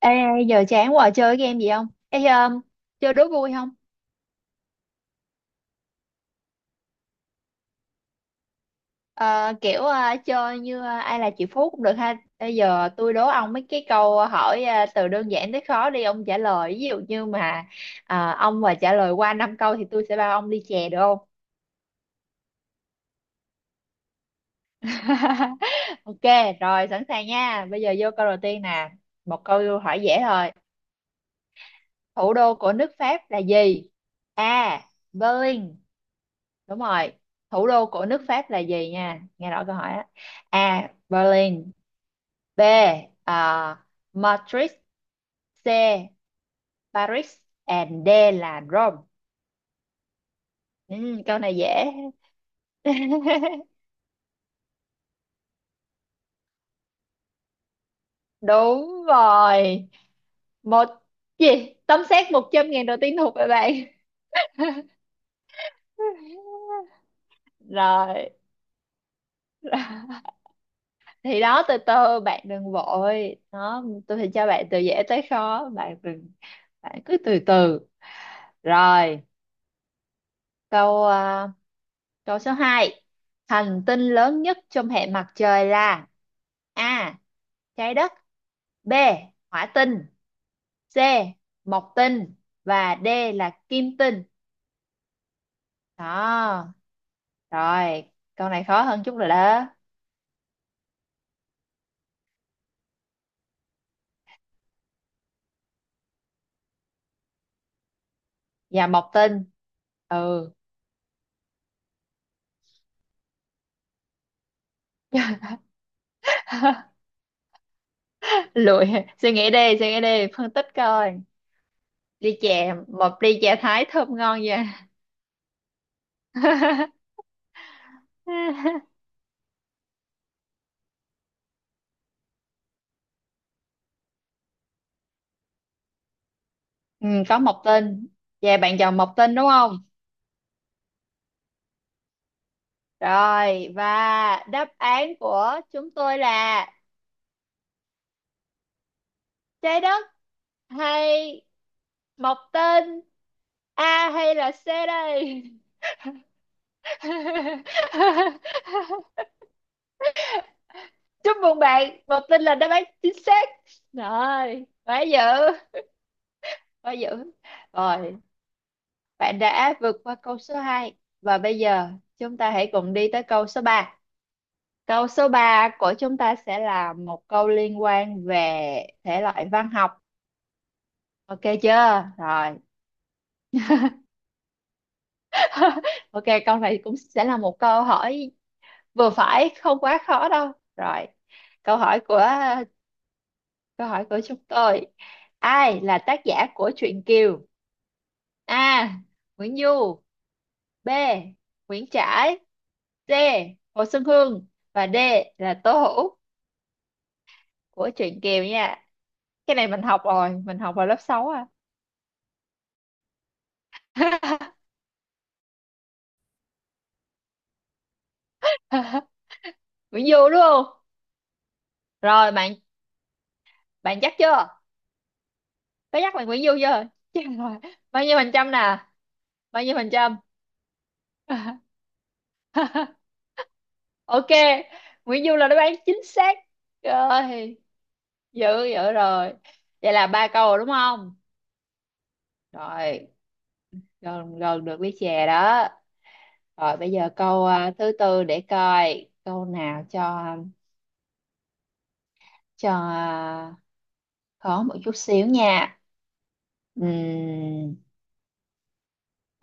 Ê, giờ chán quá chơi cái game gì không? Ê, chơi đố vui không? Ờ, kiểu chơi như ai là chị Phú cũng được ha. Bây giờ tôi đố ông mấy cái câu hỏi từ đơn giản tới khó đi ông trả lời. Ví dụ như mà ông mà trả lời qua 5 câu thì tôi sẽ bao ông ly chè được không? Ok, rồi sẵn sàng nha. Bây giờ vô câu đầu tiên nè. Một câu hỏi dễ thôi. Thủ đô của nước Pháp là gì? A. Berlin. Đúng rồi. Thủ đô của nước Pháp là gì nha? Nghe rõ câu hỏi á. A. Berlin. B. à, Madrid. C. Paris. And D là Rome. Ừ, câu này dễ. Đúng rồi. Một gì? Tấm xét 100.000 đầu tiên thuộc về bạn. Rồi. Thì đó từ từ, bạn đừng vội. Đó, tôi sẽ cho bạn từ dễ tới khó. Bạn đừng, bạn cứ từ từ. Rồi, câu ờ, câu số hai. Hành tinh lớn nhất trong hệ mặt trời là: A. Trái đất. B. Hỏa tinh. C. Mộc tinh. Và D là kim tinh. Đó, rồi, câu này khó hơn chút rồi đó. Và mộc tinh. Ừ. Lụi, suy nghĩ đi, phân tích coi. Ly chè, một ly chè Thái thơm ngon vậy. Ừ, có mộc tinh. Vậy bạn chọn mộc tinh đúng không? Rồi, và đáp án của chúng tôi là trái đất hay mọc tên, A hay là C đây? Chúc mừng bạn, mọc tên là đáp án chính xác. Rồi, quá dữ, quá dữ. Rồi, bạn đã vượt qua câu số 2 và bây giờ chúng ta hãy cùng đi tới câu số 3. Câu số 3 của chúng ta sẽ là một câu liên quan về thể loại văn học. Ok chưa? Rồi, ok, câu này cũng sẽ là một câu hỏi vừa phải, không quá khó đâu. Rồi, câu hỏi của câu hỏi của chúng tôi. Ai là tác giả của truyện Kiều? A. Nguyễn Du. B. Nguyễn Trãi. C. Hồ Xuân Hương. Và D là Tố Hữu, của truyện Kiều nha. Cái này mình học rồi, mình học vào lớp 6 à. Nguyễn Du đúng không? Rồi bạn bạn chắc chưa? Có chắc là Nguyễn Du chưa? Chắc rồi. Bao nhiêu phần trăm nè? Bao nhiêu phần trăm? Ok, Nguyễn Du là đáp án chính xác. Rồi, dữ dữ rồi. Vậy là ba câu rồi đúng không? Rồi, gần gần được với chè đó. Rồi, bây giờ câu thứ tư, để coi câu nào cho cho à, khó một chút xíu nha. Ừm,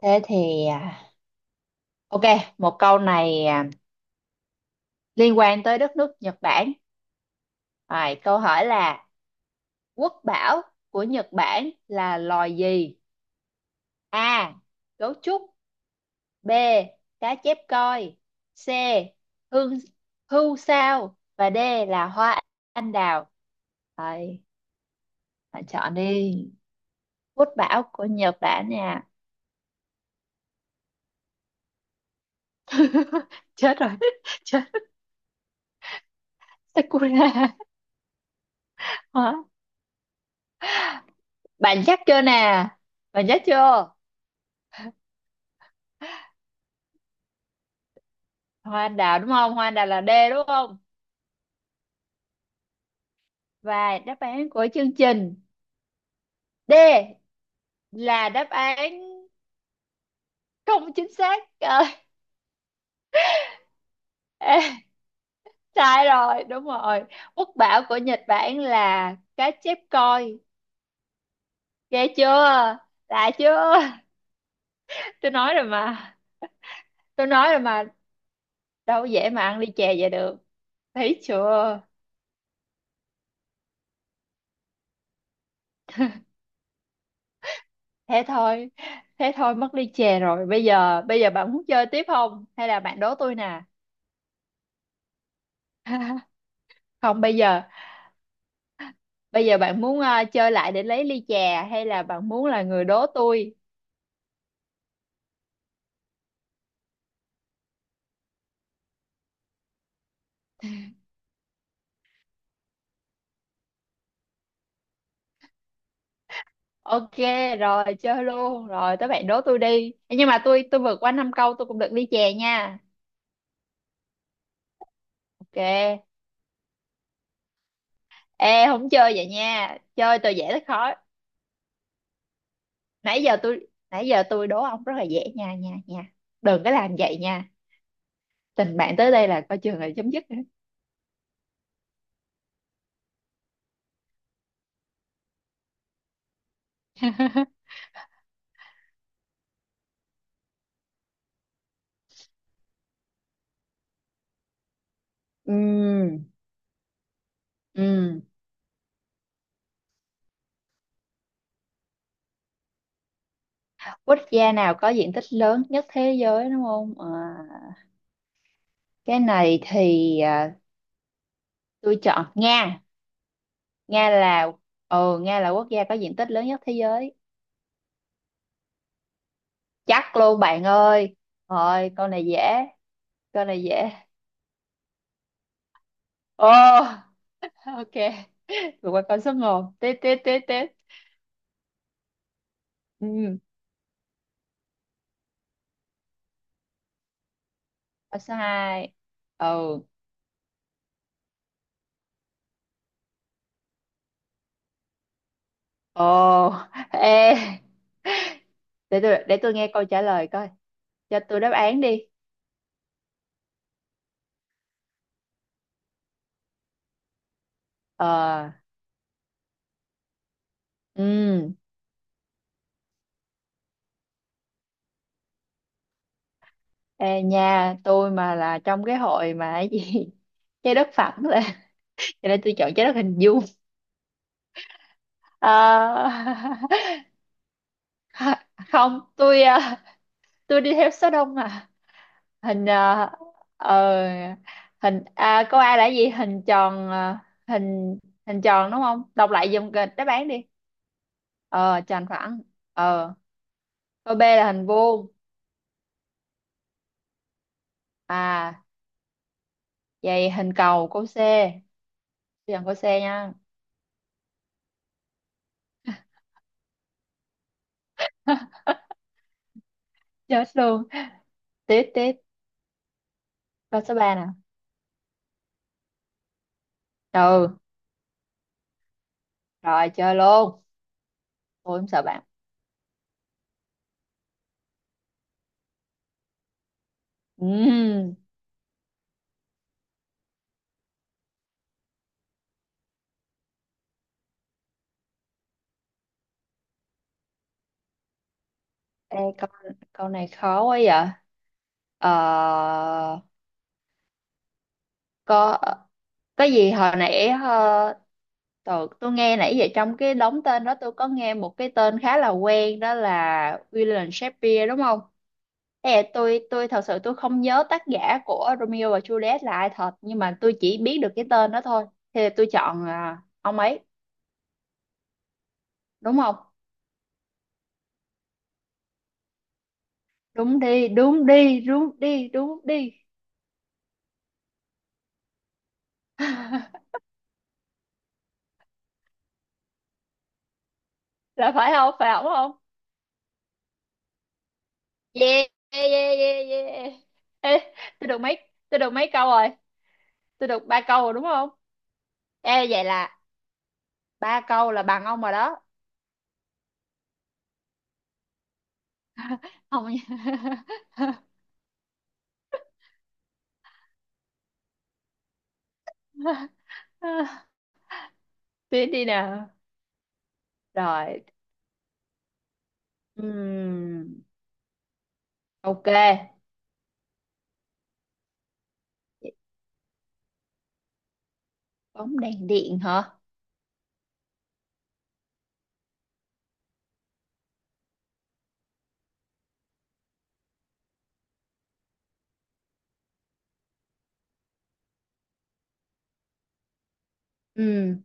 thế thì ok, một câu này liên quan tới đất nước Nhật Bản. Rồi, câu hỏi là: quốc bảo của Nhật Bản là loài gì? A. Gấu trúc. B. Cá chép coi. C. Hương hưu sao. Và D là hoa anh đào. Rồi, bạn chọn đi. Quốc bảo của Nhật Bản nha. Chết rồi. Chết. Sakura. Hả? Bạn chắc chưa nè? Bạn chắc chưa? Hoa anh đào đúng không? Hoa anh đào là D đúng không? Và đáp án của chương trình, D là đáp án không chính xác. Ờ, sai rồi đúng rồi, quốc bảo của Nhật Bản là cá chép coi. Ghê chưa, lạ chưa? Tôi nói rồi mà, tôi nói rồi mà. Đâu có dễ mà ăn ly chè vậy được. Thấy chưa? Thế thôi, thế thôi, mất ly chè rồi. Bây giờ bạn muốn chơi tiếp không hay là bạn đố tôi nè? Không, bây giờ, bạn muốn chơi lại để lấy ly chè hay là bạn muốn là người đố tôi? Ok, rồi chơi luôn. Rồi tới bạn đố tôi đi. Ê, nhưng mà tôi vượt qua năm câu tôi cũng được ly chè nha. Ok. Ê, không chơi vậy nha. Chơi từ dễ tới khó. Nãy giờ tôi đố ông rất là dễ nha nha nha. Đừng có làm vậy nha. Tình bạn tới đây là coi chừng là chấm dứt. Ừm, ừm. Quốc gia nào có diện tích lớn nhất thế giới đúng không? À, cái này thì tôi chọn Nga. Nga là ừ Nga là, quốc gia có diện tích lớn nhất thế giới. Chắc luôn bạn ơi. Rồi, câu này dễ. Câu này dễ. Ồ, ok, vượt qua con số một, tiếp tiếp tiếp tiếp. Ừ, câu số hai. Ừ. Ồ, ê, để tôi nghe câu trả lời coi. Cho tôi đáp án đi. ờ ừ. Ê nha, tôi mà là trong cái hội mà cái gì, trái đất phẳng là, cho nên tôi chọn trái đất hình vuông. Ờ, không, tôi đi theo số đông à. hình ờ ờ, hình câu A là gì? Hình tròn, hình hình tròn đúng không? Đọc lại giùm kịch đáp án đi. Ờ Tròn phẳng. ờ Câu B là hình vuông. À, vậy hình cầu, câu C. Tôi chọn câu C nha. Chết luôn. Tiếp tiếp. Câu số 3 nè. Ừ, rồi chơi luôn. Tôi không sợ bạn. Ừm, ê, câu này khó quá vậy. ờ có gì hồi nãy, tôi nghe nãy giờ trong cái đống tên đó, tôi có nghe một cái tên khá là quen, đó là William Shakespeare đúng không? Ê, tôi thật sự tôi không nhớ tác giả của Romeo và Juliet là ai thật, nhưng mà tôi chỉ biết được cái tên đó thôi. Thì tôi chọn ông ấy đúng không? Đúng đi, đúng đi, đúng đi, đúng đi. Là phải không? Phải ổng không? Yeah, yeah, yeah, yeah, yeah. Ê, tôi được mấy tôi được mấy câu rồi? Tôi được ba câu rồi đúng không? Ê, vậy là ba câu là bằng ông rồi đó, không nha. Tuyến đi nào. Rồi. Ừm. Ok. Bóng đèn điện hả? Ừm.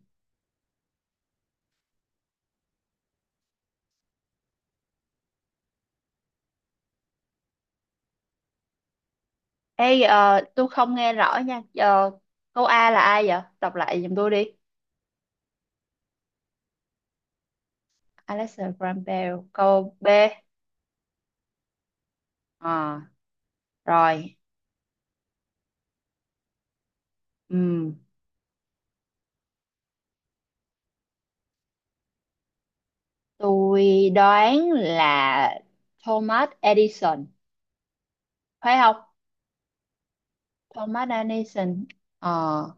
Ê, tôi không nghe rõ nha. Ờ, câu A là ai vậy? Đọc lại giùm tôi đi. Alexa Graham Bell. Câu B. Ờ. Rồi. Ừm. Tôi đoán là Thomas Edison. Phải không? Thomas Edison. Ờ,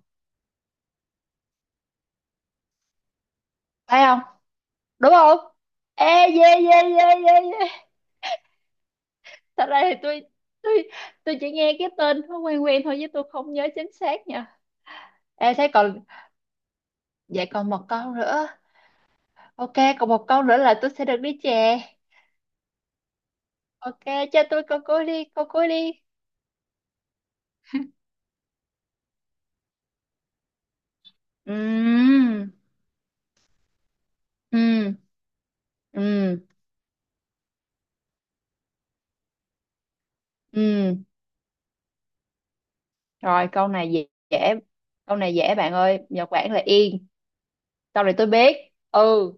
phải không, đúng không? Ê, yeah, yeah, yeah, yeah, yeah. Thật ra thì tôi tôi chỉ nghe cái tên nó quen quen thôi, chứ tôi không nhớ chính xác nha. Ê, thế còn, vậy còn một câu nữa. Ok, còn một câu nữa là tôi sẽ được đi chè. Ok, cho tôi câu cuối đi, câu cuối đi. Ừ. Ừ. Ừ. Ừ. Rồi, câu này dễ dễ. Câu này dễ bạn ơi, Nhật Bản là yên. Câu này tôi biết. Ừ.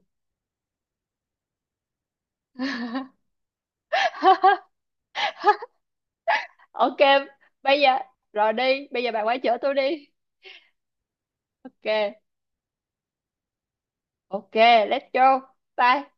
Ok, bây giờ, rồi đi, bây giờ bạn quay chở tôi đi. Ok. Ok, let's go. Bye.